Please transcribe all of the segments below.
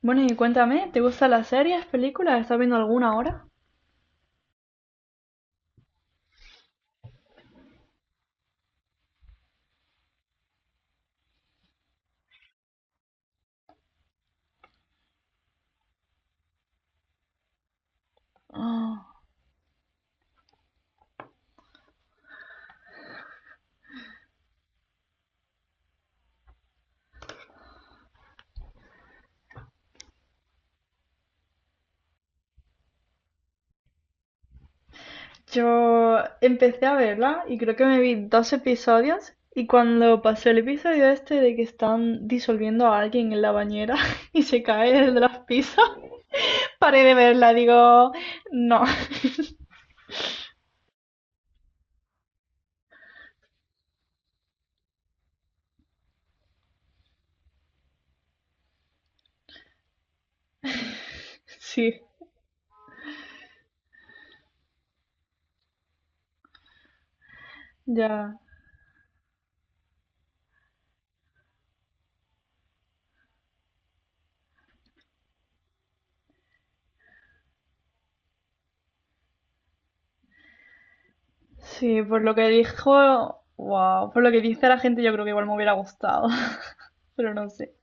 Bueno, y cuéntame, ¿te gustan las series, películas? ¿Estás viendo alguna ahora? Ah. Yo empecé a verla y creo que me vi dos episodios y cuando pasó el episodio este de que están disolviendo a alguien en la bañera y se cae desde los pisos, paré de verla, digo, no. Sí, ya. Sí, por lo que dijo, wow, por lo que dice la gente yo creo que igual me hubiera gustado, pero no sé.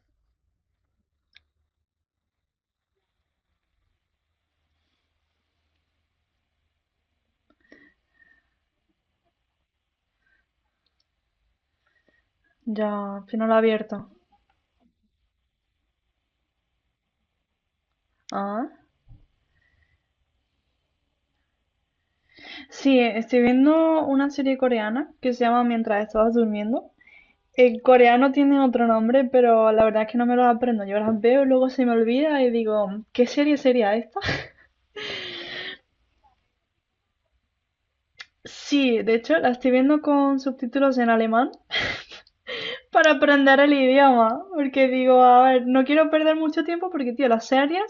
Ya, si no he abierto. Ah. Sí, estoy viendo una serie coreana que se llama Mientras estabas durmiendo. El coreano tiene otro nombre, pero la verdad es que no me los aprendo. Yo las veo, luego se me olvida y digo, ¿qué serie sería esta? Sí, de hecho la estoy viendo con subtítulos en alemán para aprender el idioma, porque digo, a ver, no quiero perder mucho tiempo porque, tío, las series,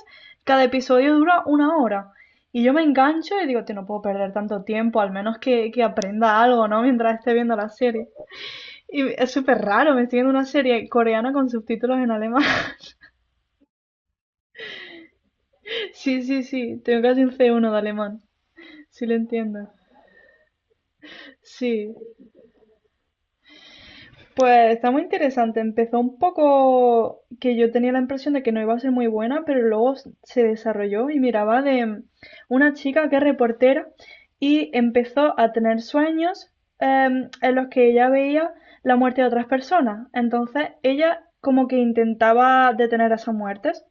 cada episodio dura una hora. Y yo me engancho y digo, tío, no puedo perder tanto tiempo, al menos que aprenda algo, ¿no? Mientras esté viendo la serie. Y es súper raro, me estoy viendo una serie coreana con subtítulos en alemán. Sí, sí, sí, tengo casi un C1 de alemán, sí lo entiendo. Sí, pues está muy interesante. Empezó un poco que yo tenía la impresión de que no iba a ser muy buena, pero luego se desarrolló y miraba de una chica que es reportera y empezó a tener sueños en los que ella veía la muerte de otras personas. Entonces ella como que intentaba detener esas muertes.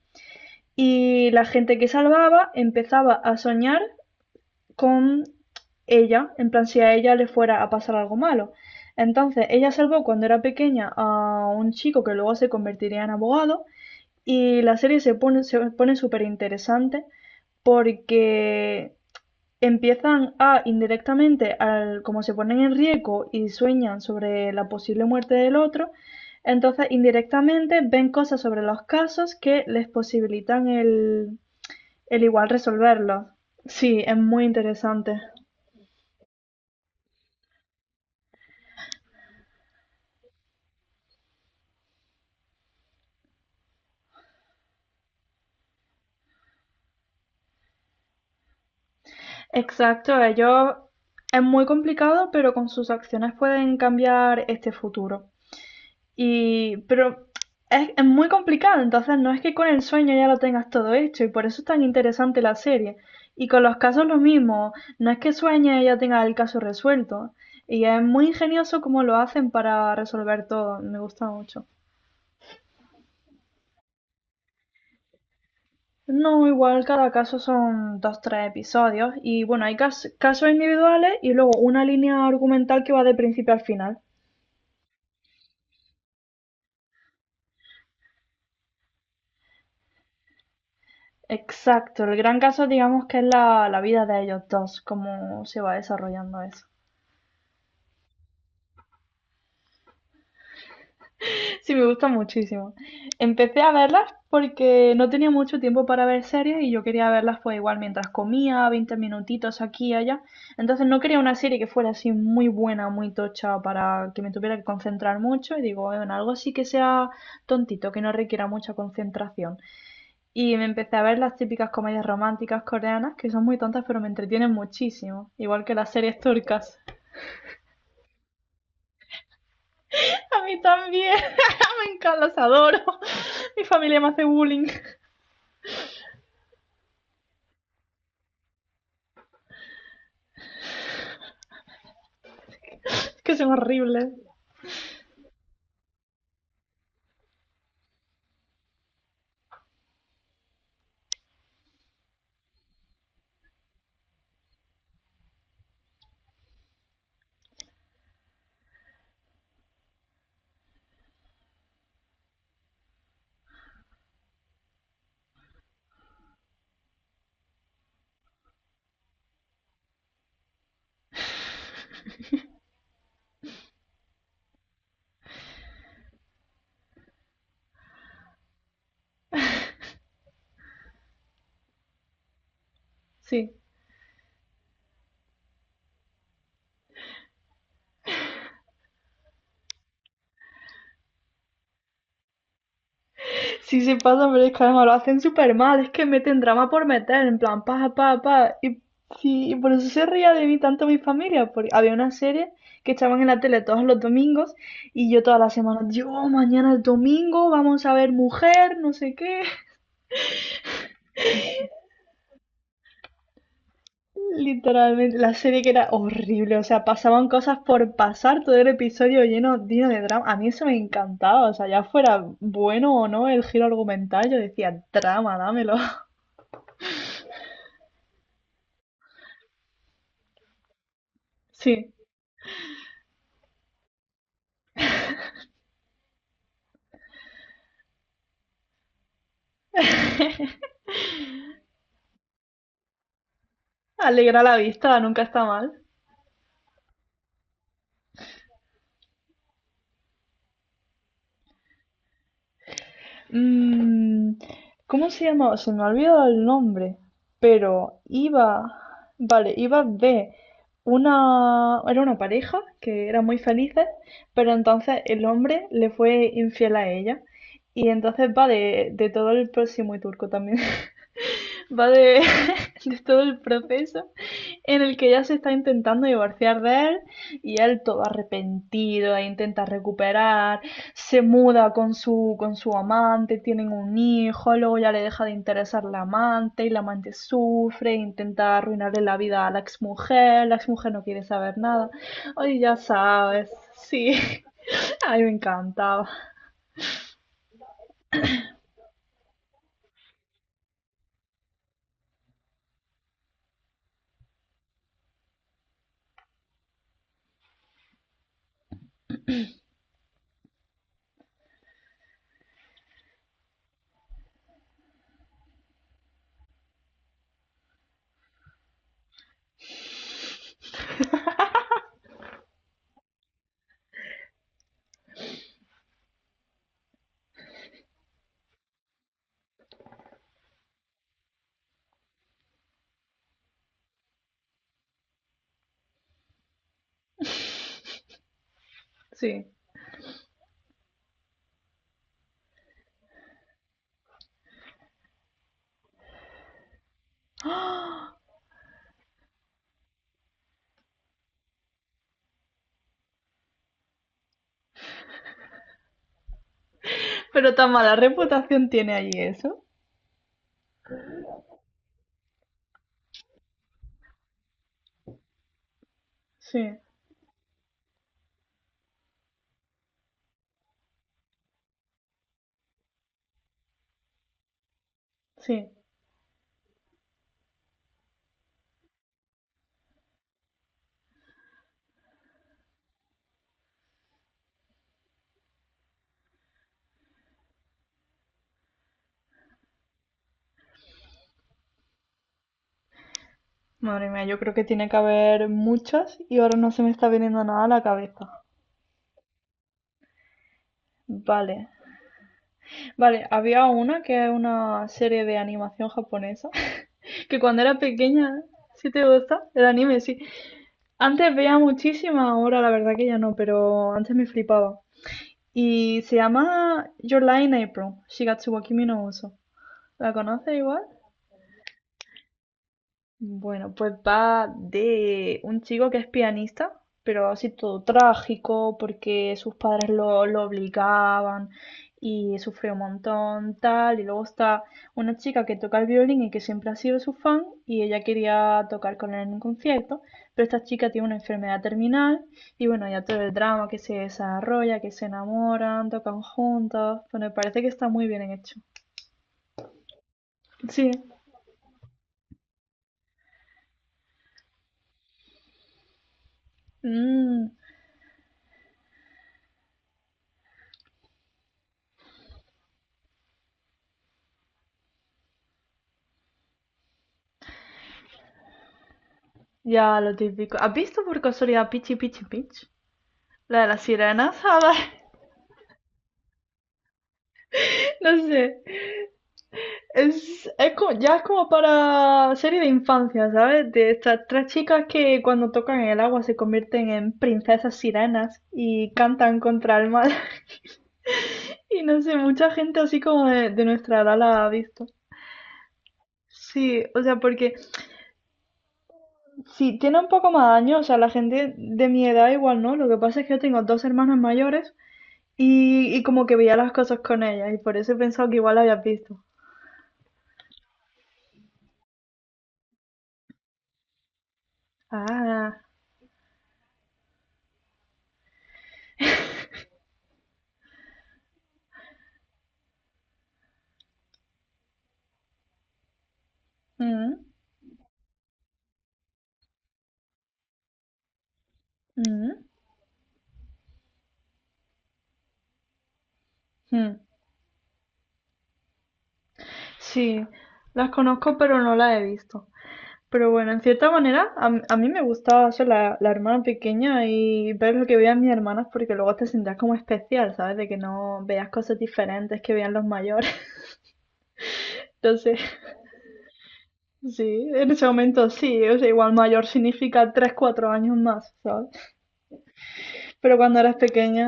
Y la gente que salvaba empezaba a soñar con ella, en plan si a ella le fuera a pasar algo malo. Entonces, ella salvó cuando era pequeña a un chico que luego se convertiría en abogado y la serie se pone súper interesante porque empiezan a indirectamente, como se ponen en riesgo y sueñan sobre la posible muerte del otro, entonces indirectamente ven cosas sobre los casos que les posibilitan el igual resolverlo. Sí, es muy interesante. Exacto, ellos es muy complicado, pero con sus acciones pueden cambiar este futuro. Y, pero es muy complicado, entonces no es que con el sueño ya lo tengas todo hecho y por eso es tan interesante la serie. Y con los casos lo mismo, no es que sueñe y ya tenga el caso resuelto. Y es muy ingenioso cómo lo hacen para resolver todo, me gusta mucho. No, igual cada caso son dos, tres episodios y bueno, hay casos individuales y luego una línea argumental que va de principio al final. Exacto, el gran caso digamos que es la vida de ellos dos, cómo se va desarrollando eso. Sí, me gusta muchísimo. Empecé a verlas porque no tenía mucho tiempo para ver series y yo quería verlas pues igual mientras comía, 20 minutitos aquí y allá. Entonces no quería una serie que fuera así muy buena, muy tocha para que me tuviera que concentrar mucho y digo, en algo así que sea tontito, que no requiera mucha concentración. Y me empecé a ver las típicas comedias románticas coreanas que son muy tontas pero me entretienen muchísimo, igual que las series turcas. A mí también, me encantan, las adoro. Mi familia me hace bullying. Es que son horribles. Sí. Sí se pasa, pero es que además lo hacen súper mal. Es que meten drama por meter, en plan, pa, pa, pa. Y, sí, y por eso se ría de mí tanto mi familia. Porque había una serie que echaban en la tele todos los domingos y yo todas las semanas, yo, mañana es domingo, vamos a ver mujer, no sé qué. Literalmente, la serie que era horrible. O sea, pasaban cosas por pasar, todo el episodio lleno, lleno de drama. A mí eso me encantaba. O sea, ya fuera bueno o no el giro argumental, yo decía, drama, dámelo. Sí, alegra la vista, nunca está mal. Mm, ¿cómo se llamaba? Se me ha olvidado el nombre, pero iba, vale, iba de una, era una pareja que era muy felices, pero entonces el hombre le fue infiel a ella. Y entonces va de todo el próximo y turco también. Va de, de todo el proceso en el que ella se está intentando divorciar de él y él todo arrepentido e intenta recuperar, se muda con su amante, tienen un hijo, luego ya le deja de interesar la amante y la amante sufre, intenta arruinarle la vida a la exmujer no quiere saber nada. Oye, ya sabes, sí, a me encantaba, sí. Pero tan mala reputación tiene allí eso, sí, sí. Madre mía, yo creo que tiene que haber muchas y ahora no se me está viniendo nada a la cabeza. Vale. Vale, había una que es una serie de animación japonesa que cuando era pequeña, ¿sí te gusta? El anime, sí. Antes veía muchísima, ahora la verdad que ya no, pero antes me flipaba. Y se llama Your Lie in April, Shigatsu wa Kimi no Uso. ¿La conoces igual? Bueno, pues va de un chico que es pianista, pero así todo trágico, porque sus padres lo obligaban y sufrió un montón, tal. Y luego está una chica que toca el violín y que siempre ha sido su fan y ella quería tocar con él en un concierto, pero esta chica tiene una enfermedad terminal y bueno, ya todo el drama que se desarrolla, que se enamoran, tocan juntos. Bueno, me parece que está muy bien hecho. Sí. Mm. Ya, lo típico. ¿Has visto por casualidad Pichi Pichi Pitch? La de las sirenas, a ver, no sé. Es como, ya es como para serie de infancia, ¿sabes? De estas tres chicas que cuando tocan el agua se convierten en princesas sirenas y cantan contra el mal. Y no sé, mucha gente así como de nuestra edad la ha visto. Sí, o sea, porque si tiene un poco más de años, o sea, la gente de mi edad igual no. Lo que pasa es que yo tengo dos hermanas mayores. Y como que veía las cosas con ella, y por eso he pensado que igual la habías visto. Ah. Mm, mm, mm. Sí, las conozco, pero no las he visto. Pero bueno, en cierta manera, a mí me gustaba ser la hermana pequeña y ver lo que veían mis hermanas, porque luego te sentías como especial, ¿sabes? De que no veías cosas diferentes que veían los mayores. Entonces, sí, en ese momento sí, o sea, igual mayor significa 3 4 años más, ¿sabes? Pero cuando eras pequeña,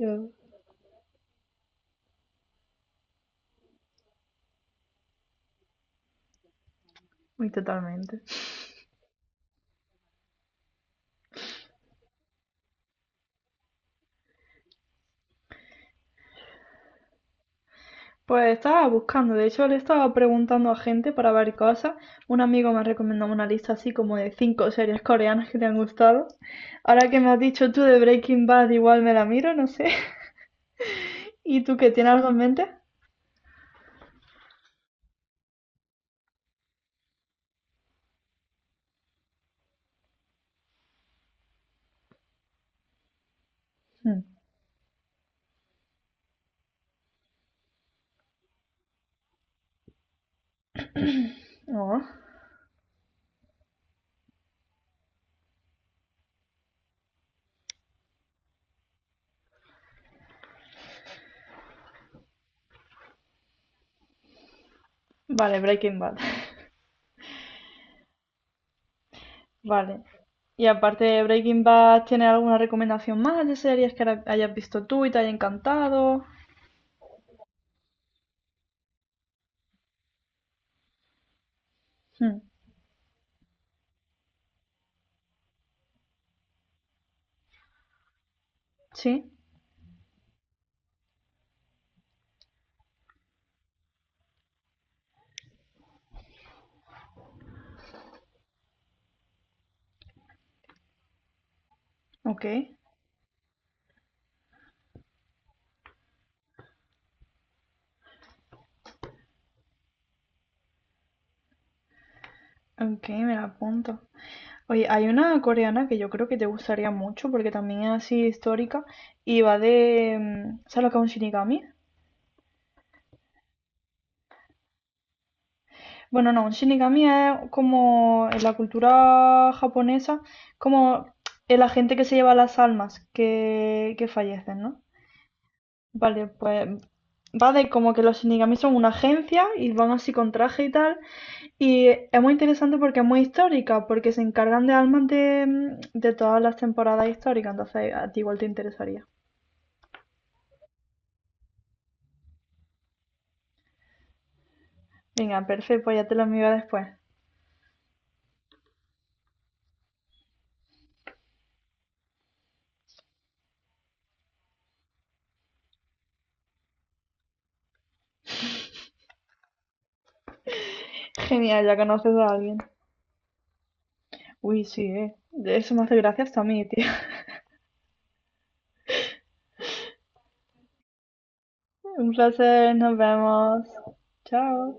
yo, muy totalmente. Pues estaba buscando, de hecho le estaba preguntando a gente para ver cosas. Un amigo me recomendó una lista así como de 5 series coreanas que le han gustado. Ahora que me has dicho tú de Breaking Bad, igual me la miro, no sé. ¿Y tú qué tienes algo en mente? Hmm. No. Vale, Breaking Bad. Vale. Y aparte de Breaking Bad, ¿tienes alguna recomendación más de series que ahora hayas visto tú y te haya encantado? Hmm. Sí, ok. Ok, me la apunto. Oye, hay una coreana que yo creo que te gustaría mucho porque también es así histórica y va de... ¿Sabes lo que es un shinigami? Bueno, no, un shinigami es como en la cultura japonesa, como el agente que se lleva las almas que fallecen, ¿no? Vale, pues va de como que los shinigami son una agencia y van así con traje y tal. Y es muy interesante porque es muy histórica, porque se encargan de almas de, de todas las temporadas históricas, entonces a ti igual te interesaría. Venga, perfecto, pues ya te lo envío después. Genial, ya conoces a alguien. Uy, sí, eh. Eso me hace gracia hasta a mí, tío. Un placer, nos vemos. Chao.